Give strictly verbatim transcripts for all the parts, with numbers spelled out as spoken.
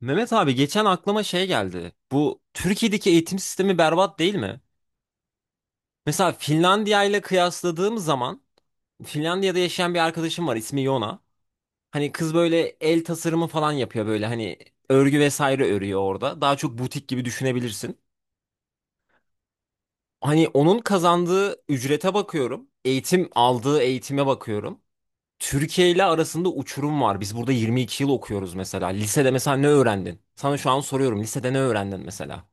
Mehmet abi geçen aklıma şey geldi. Bu Türkiye'deki eğitim sistemi berbat değil mi? Mesela Finlandiya ile kıyasladığım zaman Finlandiya'da yaşayan bir arkadaşım var, ismi Yona. Hani kız böyle el tasarımı falan yapıyor, böyle hani örgü vesaire örüyor orada. Daha çok butik gibi düşünebilirsin. Hani onun kazandığı ücrete bakıyorum. Eğitim aldığı eğitime bakıyorum. Türkiye ile arasında uçurum var. Biz burada yirmi iki yıl okuyoruz mesela. Lisede mesela ne öğrendin? Sana şu an soruyorum. Lisede ne öğrendin mesela?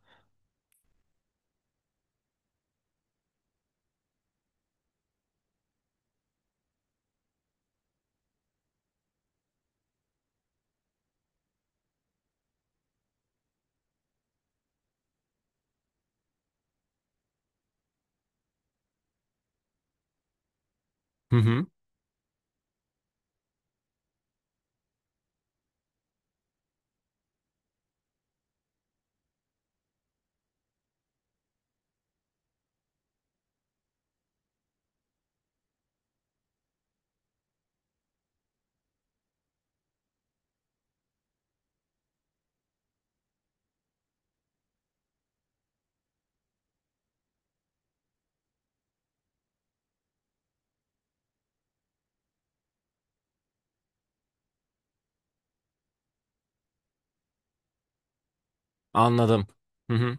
Hı hı. Anladım. Hı hı.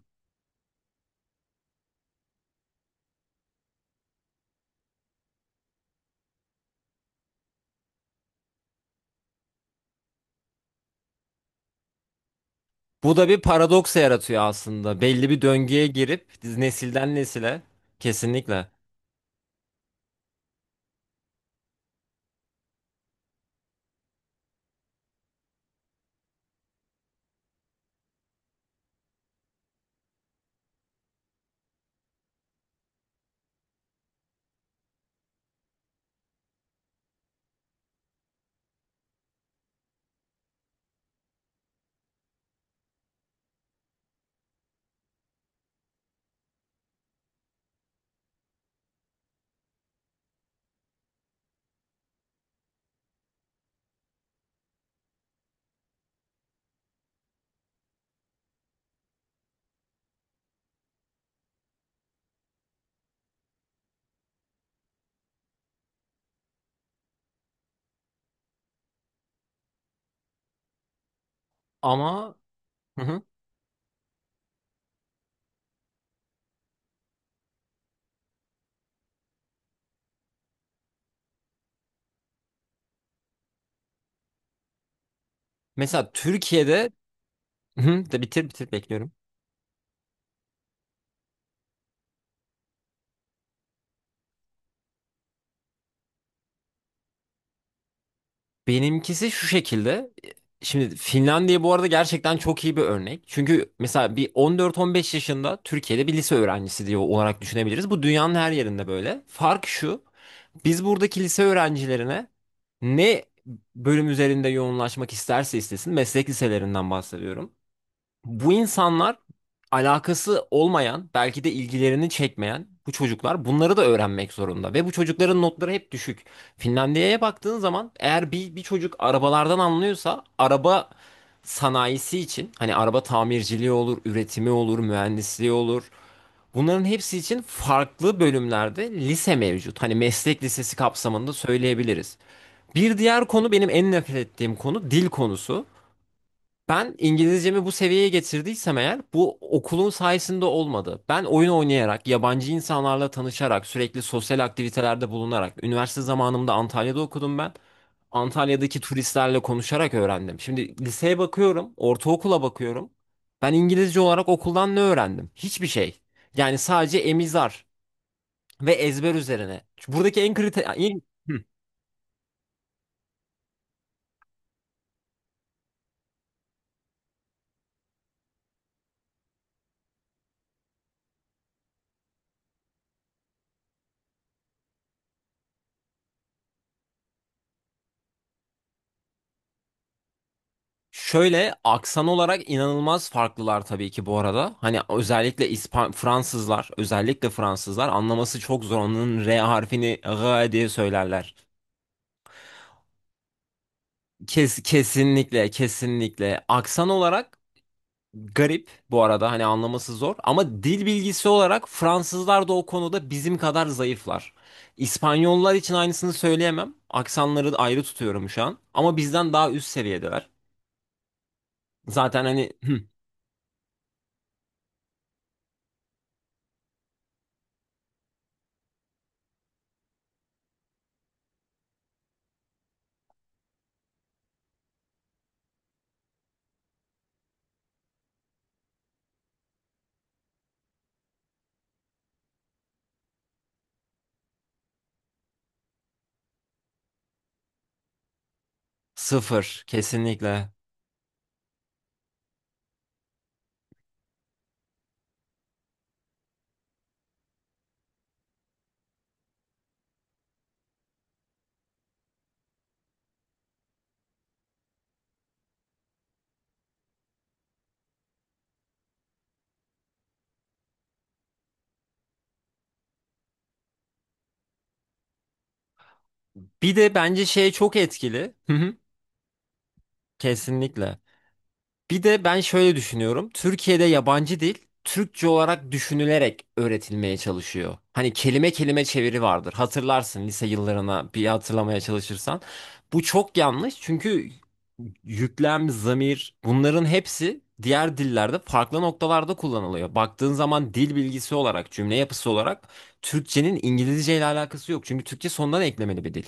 Bu da bir paradoks yaratıyor aslında. Belli bir döngüye girip nesilden nesile. Kesinlikle. Ama hı hı. Mesela Türkiye'de. Hı, de bitir bitir bekliyorum. Benimkisi şu şekilde. Şimdi Finlandiya bu arada gerçekten çok iyi bir örnek. Çünkü mesela bir on dört on beş yaşında Türkiye'de bir lise öğrencisi diye olarak düşünebiliriz. Bu dünyanın her yerinde böyle. Fark şu. Biz buradaki lise öğrencilerine ne bölüm üzerinde yoğunlaşmak isterse istesin, meslek liselerinden bahsediyorum. Bu insanlar alakası olmayan, belki de ilgilerini çekmeyen bu çocuklar bunları da öğrenmek zorunda. Ve bu çocukların notları hep düşük. Finlandiya'ya baktığın zaman, eğer bir, bir çocuk arabalardan anlıyorsa, araba sanayisi için hani araba tamirciliği olur, üretimi olur, mühendisliği olur. Bunların hepsi için farklı bölümlerde lise mevcut. Hani meslek lisesi kapsamında söyleyebiliriz. Bir diğer konu, benim en nefret ettiğim konu, dil konusu. Ben İngilizcemi bu seviyeye getirdiysem eğer, bu okulun sayesinde olmadı. Ben oyun oynayarak, yabancı insanlarla tanışarak, sürekli sosyal aktivitelerde bulunarak, üniversite zamanımda Antalya'da okudum ben. Antalya'daki turistlerle konuşarak öğrendim. Şimdi liseye bakıyorum, ortaokula bakıyorum. Ben İngilizce olarak okuldan ne öğrendim? Hiçbir şey. Yani sadece emizar ve ezber üzerine. Buradaki en kritik... Şöyle, aksan olarak inanılmaz farklılar tabii ki bu arada. Hani özellikle İspan Fransızlar, özellikle Fransızlar, anlaması çok zor. Onun R harfini G diye söylerler. Kes, kesinlikle, kesinlikle. Aksan olarak garip bu arada, hani anlaması zor. Ama dil bilgisi olarak Fransızlar da o konuda bizim kadar zayıflar. İspanyollar için aynısını söyleyemem. Aksanları da ayrı tutuyorum şu an. Ama bizden daha üst seviyedeler. Zaten hani hı, sıfır kesinlikle. Bir de bence şey çok etkili. Hı hı. Kesinlikle. Bir de ben şöyle düşünüyorum. Türkiye'de yabancı dil Türkçe olarak düşünülerek öğretilmeye çalışıyor. Hani kelime kelime çeviri vardır. Hatırlarsın lise yıllarına bir hatırlamaya çalışırsan. Bu çok yanlış, çünkü yüklem, zamir, bunların hepsi diğer dillerde farklı noktalarda kullanılıyor. Baktığın zaman dil bilgisi olarak, cümle yapısı olarak Türkçenin İngilizce ile alakası yok. Çünkü Türkçe sondan eklemeli bir dil.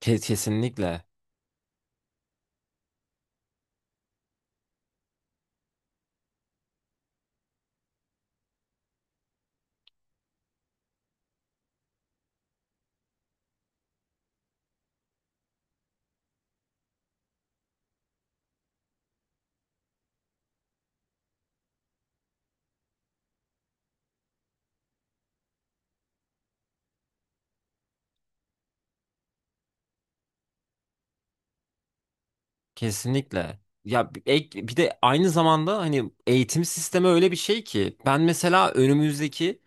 Ke- Kesinlikle. Kesinlikle. Ya bir- ek, bir de aynı zamanda hani eğitim sistemi öyle bir şey ki, ben mesela önümüzdeki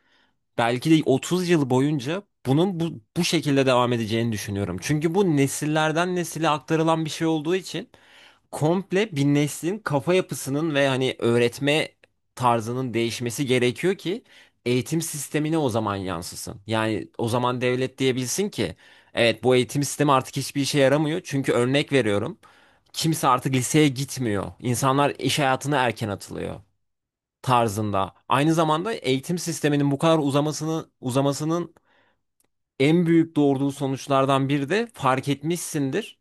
belki de otuz yıl boyunca bunun bu, bu şekilde devam edeceğini düşünüyorum. Çünkü bu nesillerden nesile aktarılan bir şey olduğu için komple bir neslin kafa yapısının ve hani öğretme tarzının değişmesi gerekiyor ki eğitim sistemine o zaman yansısın. Yani o zaman devlet diyebilsin ki evet, bu eğitim sistemi artık hiçbir işe yaramıyor. Çünkü örnek veriyorum, kimse artık liseye gitmiyor. İnsanlar iş hayatına erken atılıyor tarzında. Aynı zamanda eğitim sisteminin bu kadar uzamasını, uzamasının en büyük doğurduğu sonuçlardan biri de fark etmişsindir.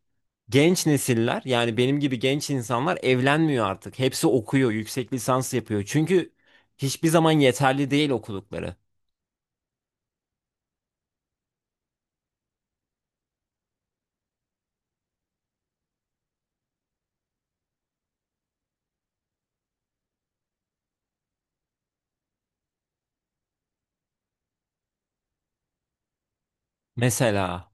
Genç nesiller, yani benim gibi genç insanlar evlenmiyor artık. Hepsi okuyor, yüksek lisans yapıyor. Çünkü hiçbir zaman yeterli değil okudukları. Mesela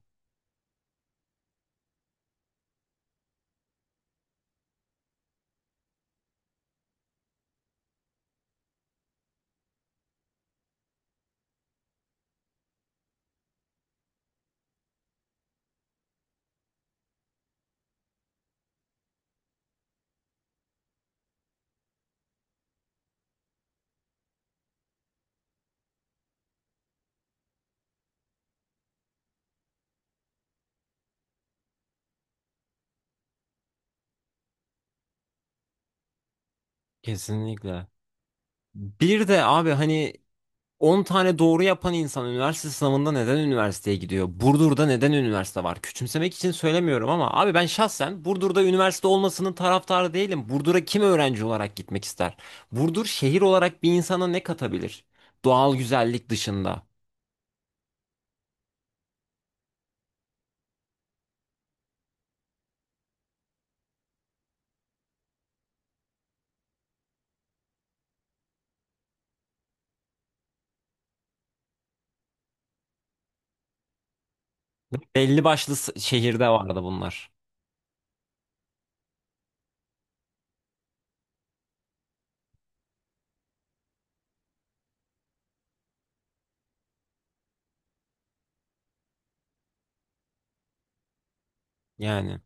kesinlikle. Bir de abi hani on tane doğru yapan insan üniversite sınavında neden üniversiteye gidiyor? Burdur'da neden üniversite var? Küçümsemek için söylemiyorum ama abi, ben şahsen Burdur'da üniversite olmasının taraftarı değilim. Burdur'a kim öğrenci olarak gitmek ister? Burdur şehir olarak bir insana ne katabilir? Doğal güzellik dışında. Belli başlı s- şehirde vardı bunlar. Yani.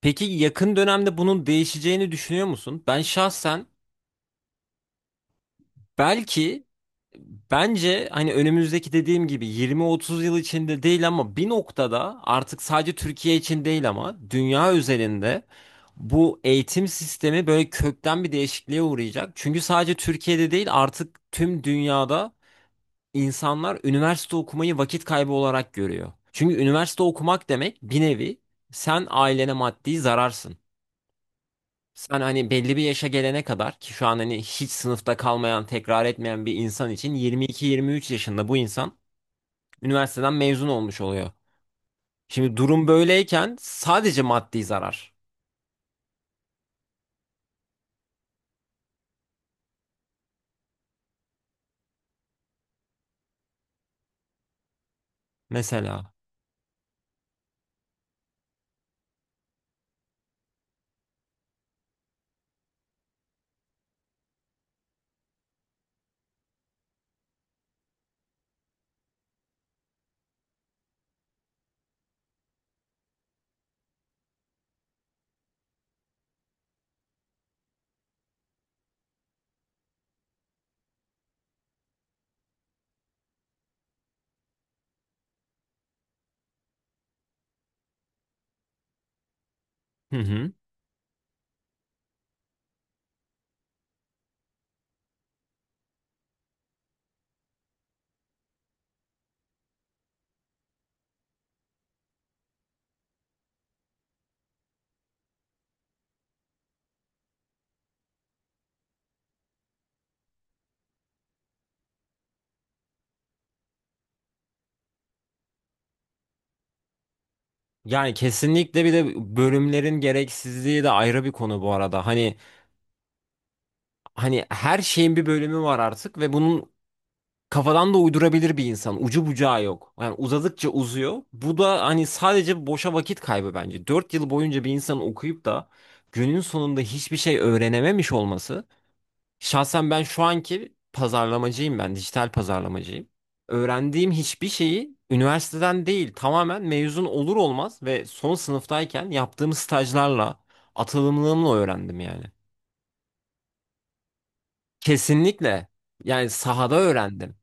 Peki yakın dönemde bunun değişeceğini düşünüyor musun? Ben şahsen Belki bence hani önümüzdeki, dediğim gibi, yirmi otuz yıl içinde değil ama bir noktada artık sadece Türkiye için değil ama dünya üzerinde bu eğitim sistemi böyle kökten bir değişikliğe uğrayacak. Çünkü sadece Türkiye'de değil, artık tüm dünyada insanlar üniversite okumayı vakit kaybı olarak görüyor. Çünkü üniversite okumak demek bir nevi sen ailene maddi zararsın. Sen hani belli bir yaşa gelene kadar, ki şu an hani hiç sınıfta kalmayan, tekrar etmeyen bir insan için yirmi iki yirmi üç yaşında bu insan üniversiteden mezun olmuş oluyor. Şimdi durum böyleyken sadece maddi zarar mesela. Hı hı. Yani kesinlikle. Bir de bölümlerin gereksizliği de ayrı bir konu bu arada. Hani hani her şeyin bir bölümü var artık ve bunun kafadan da uydurabilir bir insan. Ucu bucağı yok. Yani uzadıkça uzuyor. Bu da hani sadece boşa vakit kaybı bence. Dört yıl boyunca bir insanın okuyup da günün sonunda hiçbir şey öğrenememiş olması. Şahsen ben şu anki pazarlamacıyım ben, dijital pazarlamacıyım. Öğrendiğim hiçbir şeyi üniversiteden değil, tamamen mezun olur olmaz ve son sınıftayken yaptığım stajlarla, atılımlığımla öğrendim yani. Kesinlikle. Yani sahada öğrendim.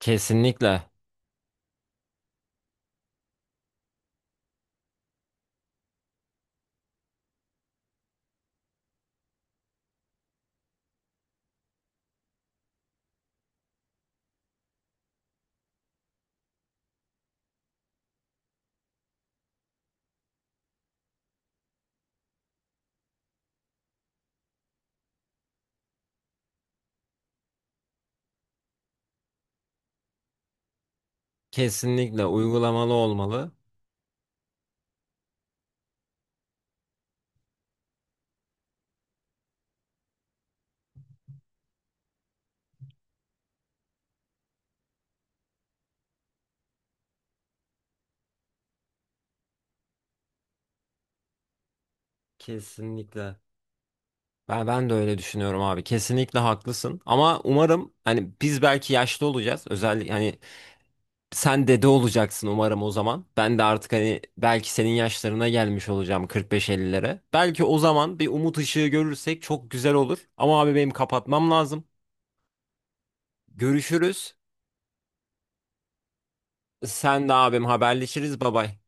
Kesinlikle. Kesinlikle uygulamalı olmalı. Kesinlikle. Ben, ben de öyle düşünüyorum abi. Kesinlikle haklısın. Ama umarım hani biz belki yaşlı olacağız. Özellikle hani sen dede olacaksın umarım o zaman. Ben de artık hani belki senin yaşlarına gelmiş olacağım, kırk beş elliye. Belki o zaman bir umut ışığı görürsek çok güzel olur. Ama abi benim kapatmam lazım. Görüşürüz. Sen de abim, haberleşiriz. Bye bye.